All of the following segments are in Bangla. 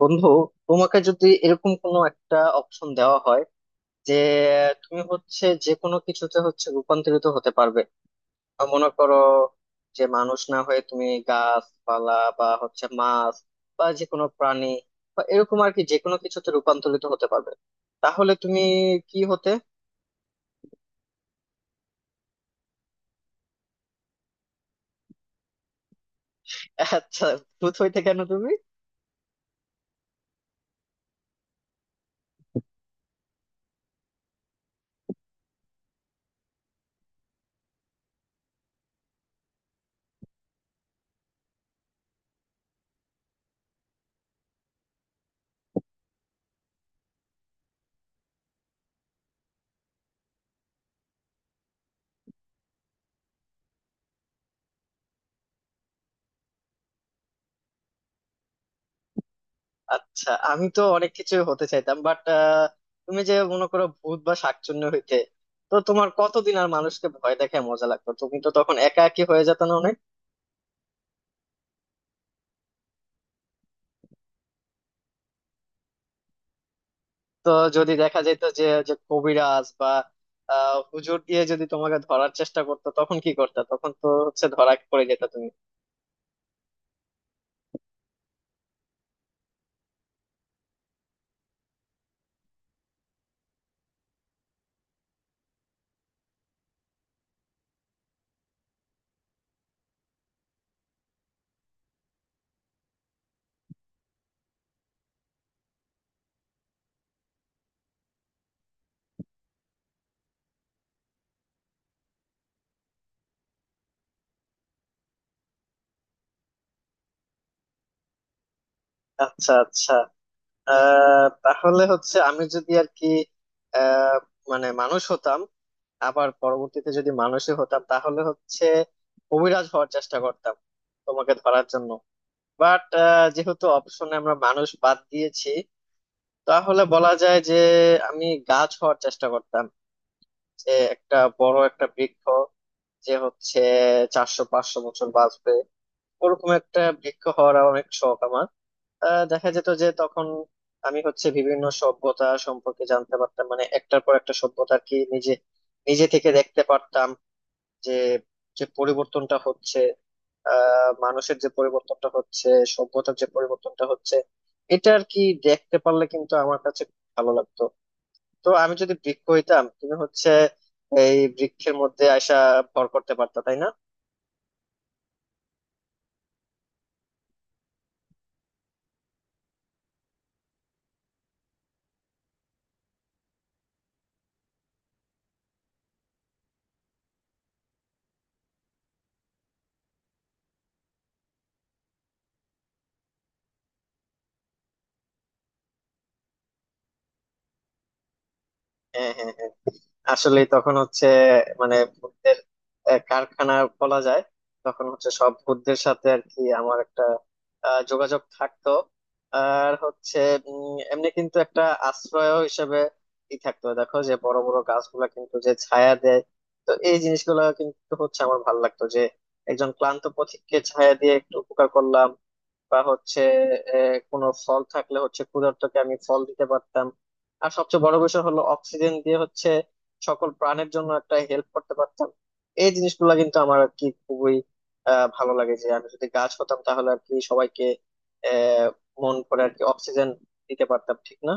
বন্ধু, তোমাকে যদি এরকম কোনো একটা অপশন দেওয়া হয় যে তুমি হচ্ছে যে কোনো কিছুতে হচ্ছে রূপান্তরিত হতে পারবে। মনে করো যে মানুষ না হয়ে তুমি গাছপালা বা হচ্ছে মাছ বা যে কোনো প্রাণী বা এরকম আর কি যে কোনো কিছুতে রূপান্তরিত হতে পারবে, তাহলে তুমি কি হতে? আচ্ছা, ভূত হইতে কেন তুমি? আচ্ছা, আমি তো অনেক কিছু হতে চাইতাম, বাট তুমি যে মনে করো ভূত বা শাকচুন্নি হইতে, তো তোমার কতদিন আর মানুষকে ভয় দেখায় মজা লাগতো? তুমি তো তখন একা একই হয়ে যেত না অনেক। তো যদি দেখা যেত যে যে কবিরাজ বা হুজুর দিয়ে যদি তোমাকে ধরার চেষ্টা করতো, তখন কি করতে? তখন তো হচ্ছে ধরা পড়ে যেত তুমি। আচ্ছা, আচ্ছা। তাহলে হচ্ছে আমি যদি আর কি আহ মানে মানুষ হতাম, আবার পরবর্তীতে যদি মানুষই হতাম, তাহলে হচ্ছে অভিরাজ হওয়ার চেষ্টা করতাম তোমাকে ধরার জন্য। বাট যেহেতু অপশনে আমরা মানুষ বাদ দিয়েছি, তাহলে বলা যায় যে আমি গাছ হওয়ার চেষ্টা করতাম, যে একটা বড় একটা বৃক্ষ, যে হচ্ছে 400-500 বছর বাঁচবে, ওরকম একটা বৃক্ষ হওয়ার অনেক শখ আমার। দেখা যেত যে তখন আমি হচ্ছে বিভিন্ন সভ্যতা সম্পর্কে জানতে পারতাম, মানে একটার পর একটা সভ্যতা আর কি নিজে নিজে থেকে দেখতে পারতাম, যে যে পরিবর্তনটা হচ্ছে, মানুষের যে পরিবর্তনটা হচ্ছে, সভ্যতার যে পরিবর্তনটা হচ্ছে, এটা আর কি দেখতে পারলে কিন্তু আমার কাছে খুব ভালো লাগতো। তো আমি যদি বৃক্ষ হইতাম, তুমি হচ্ছে এই বৃক্ষের মধ্যে আয়সা ভর করতে পারতা, তাই না? হ্যাঁ, হ্যাঁ, হ্যাঁ। আসলে তখন হচ্ছে মানে ভূতদের কারখানা বলা যায়। তখন হচ্ছে সব ভূতদের সাথে আর কি আমার একটা যোগাযোগ থাকতো। আর হচ্ছে এমনি কিন্তু একটা আশ্রয় হিসেবে ই থাকতো। দেখো যে বড় বড় গাছগুলা কিন্তু যে ছায়া দেয়, তো এই জিনিসগুলো কিন্তু হচ্ছে আমার ভালো লাগতো যে একজন ক্লান্ত পথিককে ছায়া দিয়ে একটু উপকার করলাম, বা হচ্ছে কোনো ফল থাকলে হচ্ছে ক্ষুধার্তকে আমি ফল দিতে পারতাম। আর সবচেয়ে বড় বিষয় হলো অক্সিজেন দিয়ে হচ্ছে সকল প্রাণের জন্য একটা হেল্প করতে পারতাম। এই জিনিসগুলো কিন্তু আমার আর কি খুবই ভালো লাগে যে আমি যদি গাছ হতাম, তাহলে আর কি সবাইকে আহ মন করে আর কি অক্সিজেন দিতে পারতাম, ঠিক না?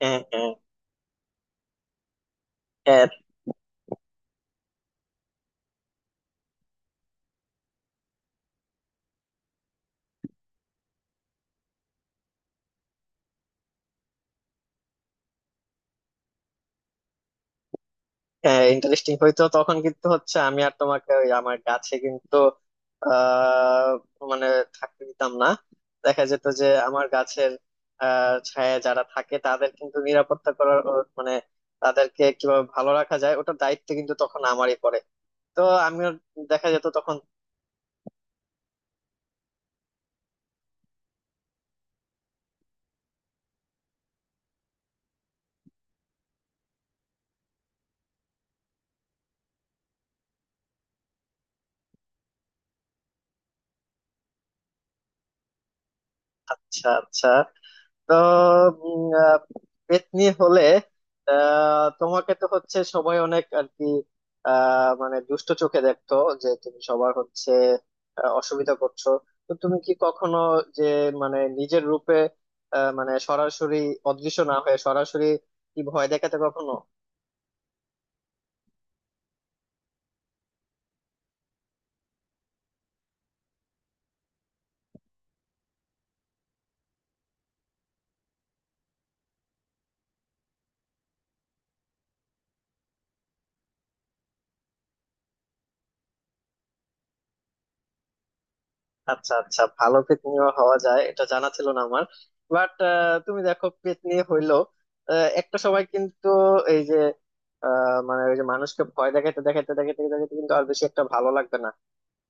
হ্যাঁ, হ্যাঁ, হ্যাঁ, ইন্টারেস্টিং হইতো তখন, কিন্তু হচ্ছে আমি আর তোমাকে ওই আমার গাছে কিন্তু আহ মানে থাকতে দিতাম না। দেখা যেত যে আমার গাছের ছায়ায় যারা থাকে তাদের কিন্তু নিরাপত্তা করার ও মানে তাদেরকে কিভাবে ভালো রাখা যায়, ওটার দায়িত্ব কিন্তু তখন আমারই পড়ে। তো আমিও দেখা যেত তখন। আচ্ছা, আচ্ছা। তো উম, আহ, পেত্নী হলে তোমাকে তো হচ্ছে সবাই অনেক আর কি মানে দুষ্ট চোখে দেখতো যে তুমি সবার হচ্ছে অসুবিধা করছো। তো তুমি কি কখনো যে মানে নিজের রূপে মানে সরাসরি, অদৃশ্য না হয়ে সরাসরি, কি ভয় দেখাতে কখনো? আচ্ছা, আচ্ছা, ভালো পেতনিও হওয়া যায়, এটা জানা ছিল না আমার। বাট তুমি দেখো পেতনি হইলো একটা সময়, কিন্তু এই যে মানে ওই যে মানুষকে ভয় দেখাতে দেখাতে দেখাতে দেখাতে কিন্তু আর বেশি একটা ভালো লাগবে না,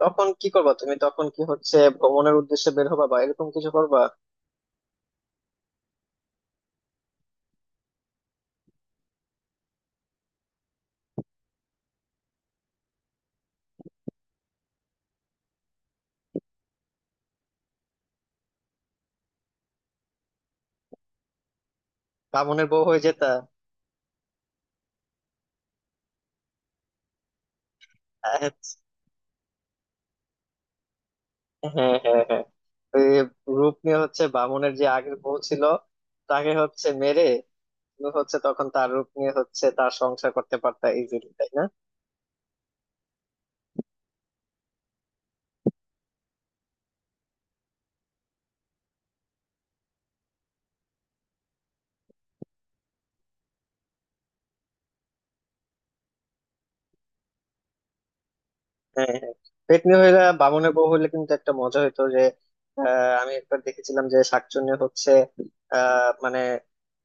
তখন কি করবা তুমি? তখন কি হচ্ছে ভ্রমণের উদ্দেশ্যে বের হবা বা এরকম কিছু করবা? বামুনের বউ হয়ে যেতা? আহ, হ্যাঁ, হ্যাঁ, হ্যাঁ। ওই রূপ নিয়ে হচ্ছে বামুনের যে আগের বউ ছিল, তাকে হচ্ছে মেরে তুমি হচ্ছে তখন তার রূপ নিয়ে হচ্ছে তার সংসার করতে পারতা ইজিলি, তাই না? হ্যাঁ, হ্যাঁ, পেতনি হইলে বামুনের বউ হইলে কিন্তু একটা মজা হইতো যে আমি একবার দেখেছিলাম যে শাকচুন্নি হচ্ছে মানে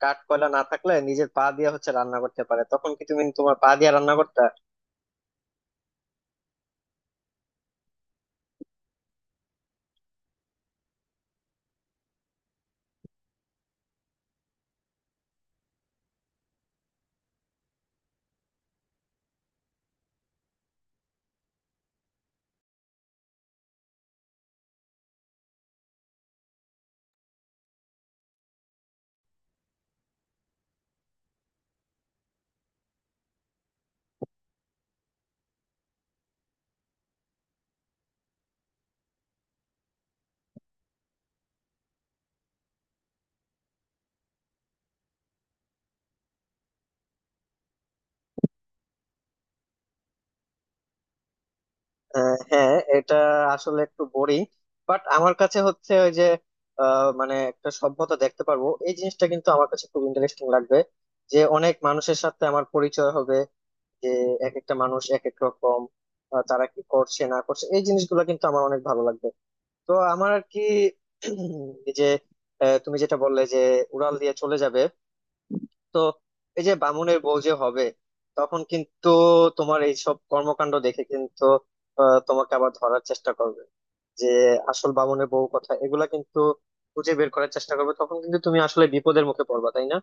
কাঠ কয়লা না থাকলে নিজের পা দিয়ে হচ্ছে রান্না করতে পারে, তখন কি তুমি তোমার পা দিয়ে রান্না করতে? হ্যাঁ, এটা আসলে একটু বোরিং, বাট আমার কাছে হচ্ছে ওই যে মানে একটা সভ্যতা দেখতে পারবো, এই জিনিসটা কিন্তু আমার কাছে খুব ইন্টারেস্টিং লাগবে। যে অনেক মানুষের সাথে আমার পরিচয় হবে, যে এক একটা মানুষ এক এক রকম, তারা কি করছে না করছে, এই জিনিসগুলো কিন্তু আমার অনেক ভালো লাগবে। তো আমার আর কি এই যে তুমি যেটা বললে যে উড়াল দিয়ে চলে যাবে, তো এই যে বামুনের বউ যে হবে, তখন কিন্তু তোমার এইসব কর্মকাণ্ড দেখে কিন্তু তোমাকে আবার ধরার চেষ্টা করবে, যে আসল বামুনের বউ কথা এগুলা কিন্তু খুঁজে বের করার চেষ্টা করবে। তখন কিন্তু তুমি আসলে বিপদের মুখে পড়বা, তাই না?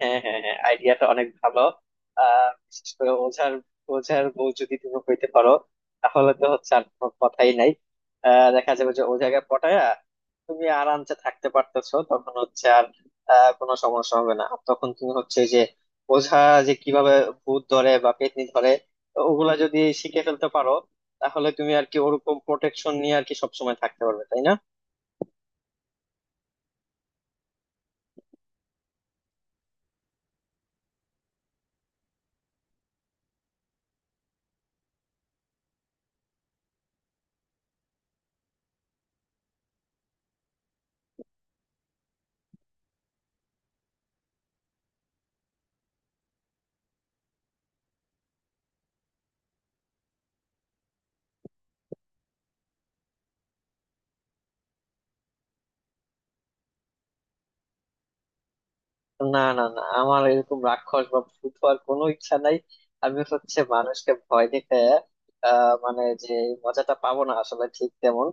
হ্যাঁ, হ্যাঁ, হ্যাঁ, আইডিয়াটা অনেক ভালো। বিশেষ করে ওঝার ওঝার বউ যদি তুমি হইতে পারো, তাহলে তো হচ্ছে আর কোনো কথাই নাই। দেখা যাবে যে ও জায়গায় পটায়া তুমি আরামসে থাকতে পারতেছো, তখন হচ্ছে আর কোনো সমস্যা হবে না। তখন তুমি হচ্ছে যে ওঝা যে কিভাবে ভূত ধরে বা পেতনি ধরে, তো ওগুলা যদি শিখে ফেলতে পারো, তাহলে তুমি আর কি ওরকম প্রোটেকশন নিয়ে আর কি সবসময় থাকতে পারবে, তাই না? না, না, না, আমার এরকম রাক্ষস বা ভূত হওয়ার কোনো ইচ্ছা নাই। আমি হচ্ছে মানুষকে ভয় দেখে মানে যে এই মজাটা পাবো না আসলে ঠিক তেমন।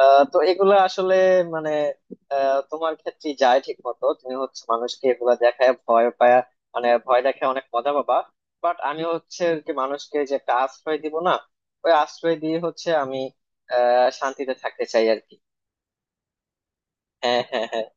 তো এগুলা আসলে মানে তোমার ক্ষেত্রে যায় ঠিক মতো, তুমি হচ্ছে মানুষকে এগুলা দেখায় ভয় পায়, মানে ভয় দেখে অনেক মজা পাবা। বাট আমি হচ্ছে আর কি মানুষকে যে একটা আশ্রয় দিব না, ওই আশ্রয় দিয়ে হচ্ছে আমি শান্তিতে থাকতে চাই আর কি। হ্যাঁ, হ্যাঁ, হ্যাঁ।